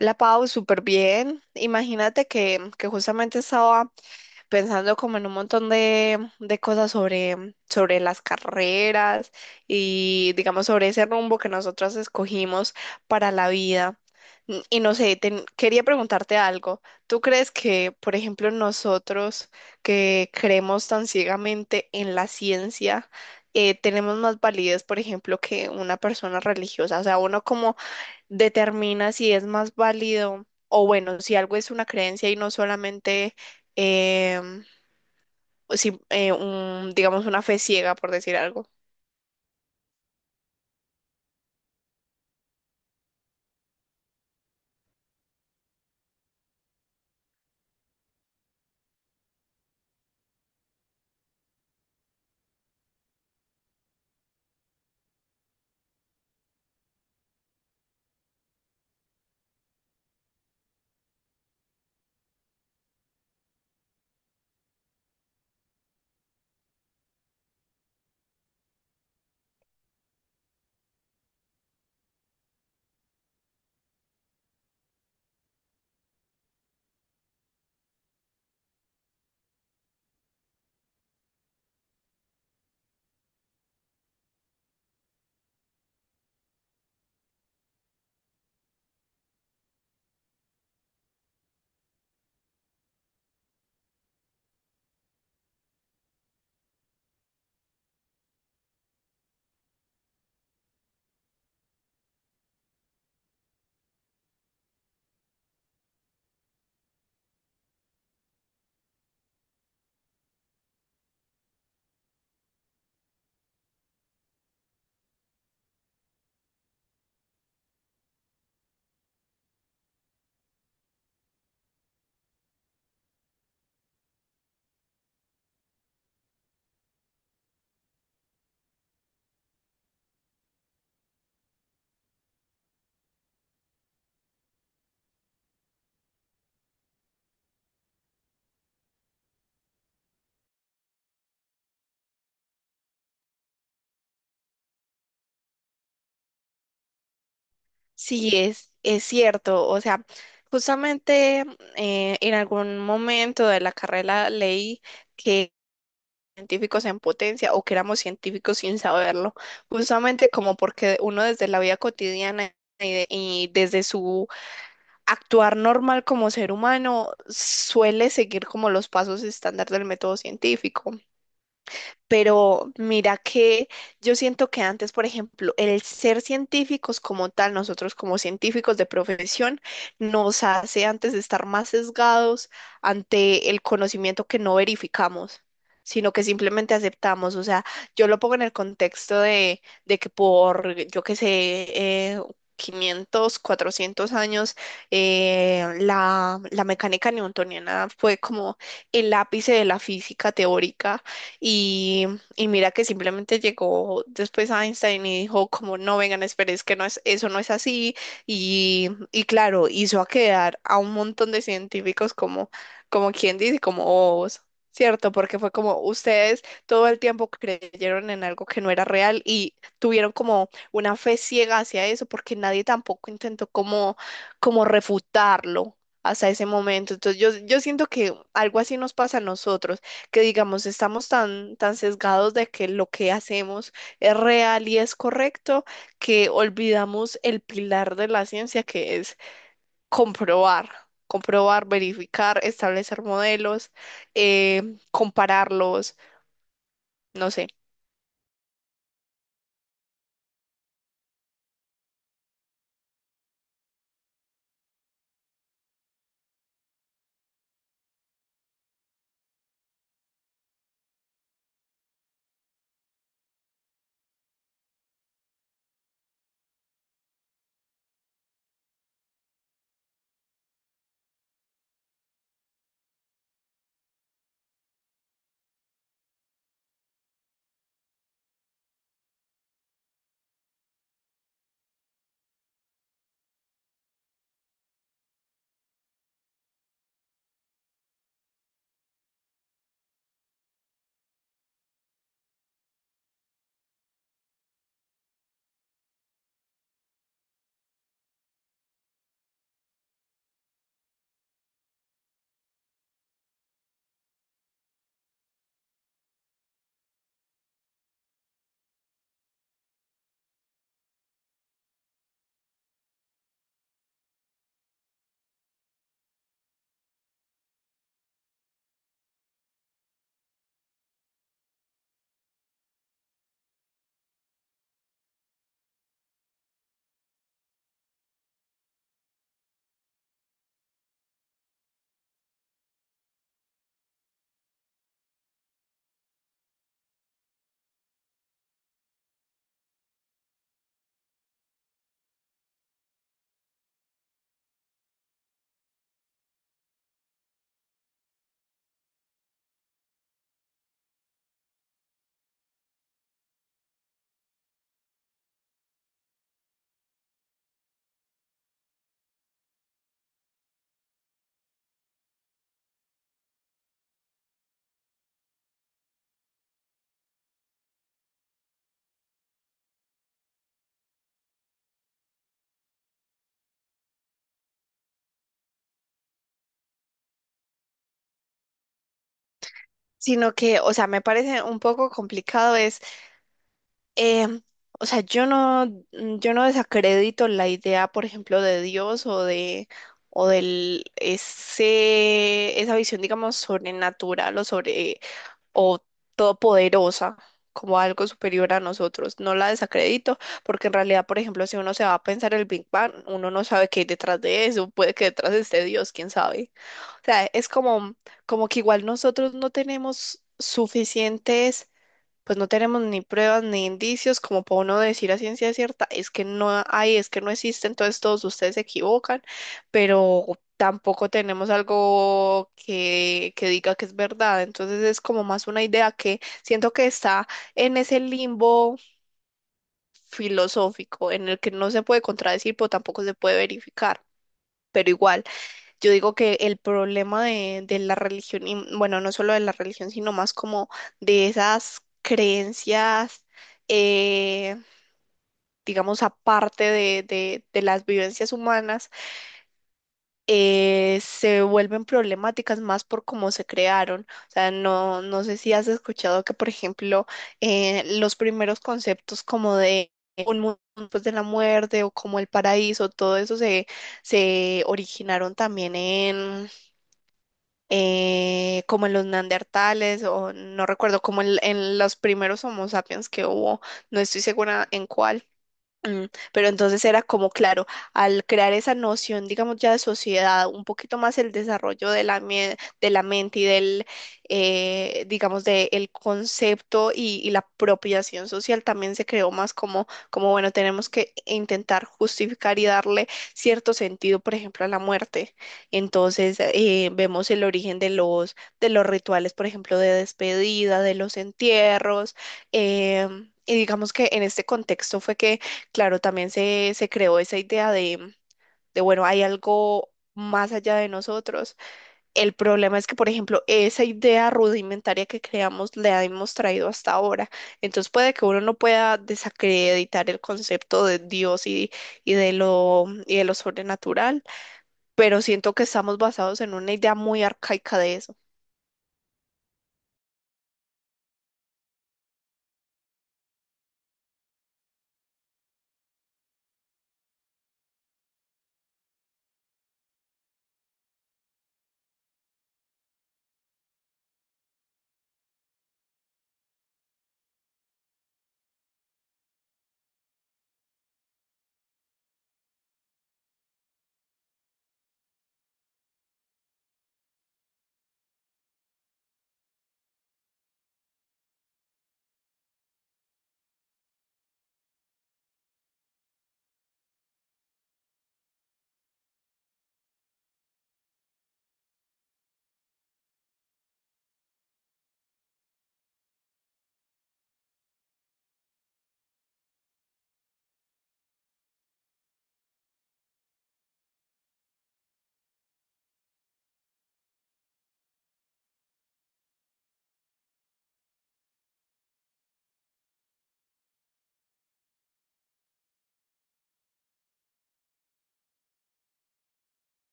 La Pau, súper bien. Imagínate que justamente estaba pensando como en un montón de cosas sobre las carreras y digamos sobre ese rumbo que nosotros escogimos para la vida. Y no sé, quería preguntarte algo. ¿Tú crees que, por ejemplo, nosotros que creemos tan ciegamente en la ciencia, tenemos más validez, por ejemplo, que una persona religiosa? O sea, uno como determina si es más válido o bueno, si algo es una creencia y no solamente em, si, digamos, una fe ciega, por decir algo. Sí, es cierto. O sea, justamente en algún momento de la carrera leí que científicos en potencia o que éramos científicos sin saberlo, justamente como porque uno desde la vida cotidiana y desde su actuar normal como ser humano suele seguir como los pasos estándar del método científico. Pero mira que yo siento que antes, por ejemplo, el ser científicos como tal, nosotros como científicos de profesión, nos hace antes de estar más sesgados ante el conocimiento que no verificamos, sino que simplemente aceptamos. O sea, yo lo pongo en el contexto de que por, yo qué sé, eh, 500, 400 años, la mecánica newtoniana fue como el ápice de la física teórica y, y mira que simplemente llegó después Einstein y dijo como no vengan, esperen, es que no es, eso no es así. Y claro, hizo a quedar a un montón de científicos como, como quien dice, como bobos, ¿cierto? Porque fue como ustedes todo el tiempo creyeron en algo que no era real y tuvieron como una fe ciega hacia eso porque nadie tampoco intentó como, como refutarlo hasta ese momento. Entonces yo siento que algo así nos pasa a nosotros que digamos estamos tan, tan sesgados de que lo que hacemos es real y es correcto, que olvidamos el pilar de la ciencia que es comprobar, comprobar, verificar, establecer modelos, compararlos, no sé. Sino que, o sea, me parece un poco complicado es Em, o sea, yo no, yo no desacredito la idea, por ejemplo, de Dios o de, o del ese, esa visión, digamos, sobrenatural o sobre, o todopoderosa, como algo superior a nosotros. No la desacredito, porque en realidad, por ejemplo, si uno se va a pensar el Big Bang, uno no sabe qué hay detrás de eso, puede que detrás esté Dios, quién sabe. O sea, es como, como que igual nosotros no tenemos suficientes pues no tenemos ni pruebas ni indicios como para uno decir a ciencia cierta, es que no hay, es que no existe, entonces todos ustedes se equivocan, pero tampoco tenemos algo que diga que es verdad, entonces es como más una idea que siento que está en ese limbo filosófico en el que no se puede contradecir, pero tampoco se puede verificar, pero igual. Yo digo que el problema de la religión, y bueno, no solo de la religión, sino más como de esas creencias, eh, digamos, aparte de, de las vivencias humanas, se vuelven problemáticas más por cómo se crearon. O sea, no, no sé si has escuchado que, por ejemplo, los primeros conceptos como de un mundo después de la muerte o como el paraíso, todo eso se, se originaron también como en los neandertales o no recuerdo, como en los primeros Homo sapiens que hubo, no estoy segura en cuál. Mm. Pero entonces era como, claro, al crear esa noción, digamos, ya de sociedad, un poquito más el desarrollo de la, de la mente y del, digamos, del concepto y la apropiación social también se creó más como, como, bueno, tenemos que intentar justificar y darle cierto sentido, por ejemplo, a la muerte. Entonces, vemos el origen de los rituales, por ejemplo, de despedida, de los entierros, y digamos que en este contexto fue que claro, también se creó esa idea de, bueno, hay algo más allá de nosotros. El problema es que, por ejemplo, esa idea rudimentaria que creamos la hemos traído hasta ahora. Entonces puede que uno no pueda desacreditar el concepto de Dios y de lo sobrenatural, pero siento que estamos basados en una idea muy arcaica de eso.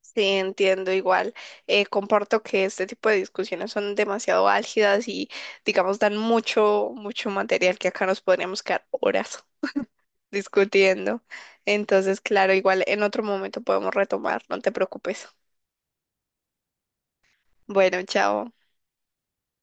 Sí, entiendo igual. Comparto que este tipo de discusiones son demasiado álgidas y, digamos, dan mucho, mucho material que acá nos podríamos quedar horas discutiendo. Entonces, claro, igual en otro momento podemos retomar, no te preocupes. Bueno, chao.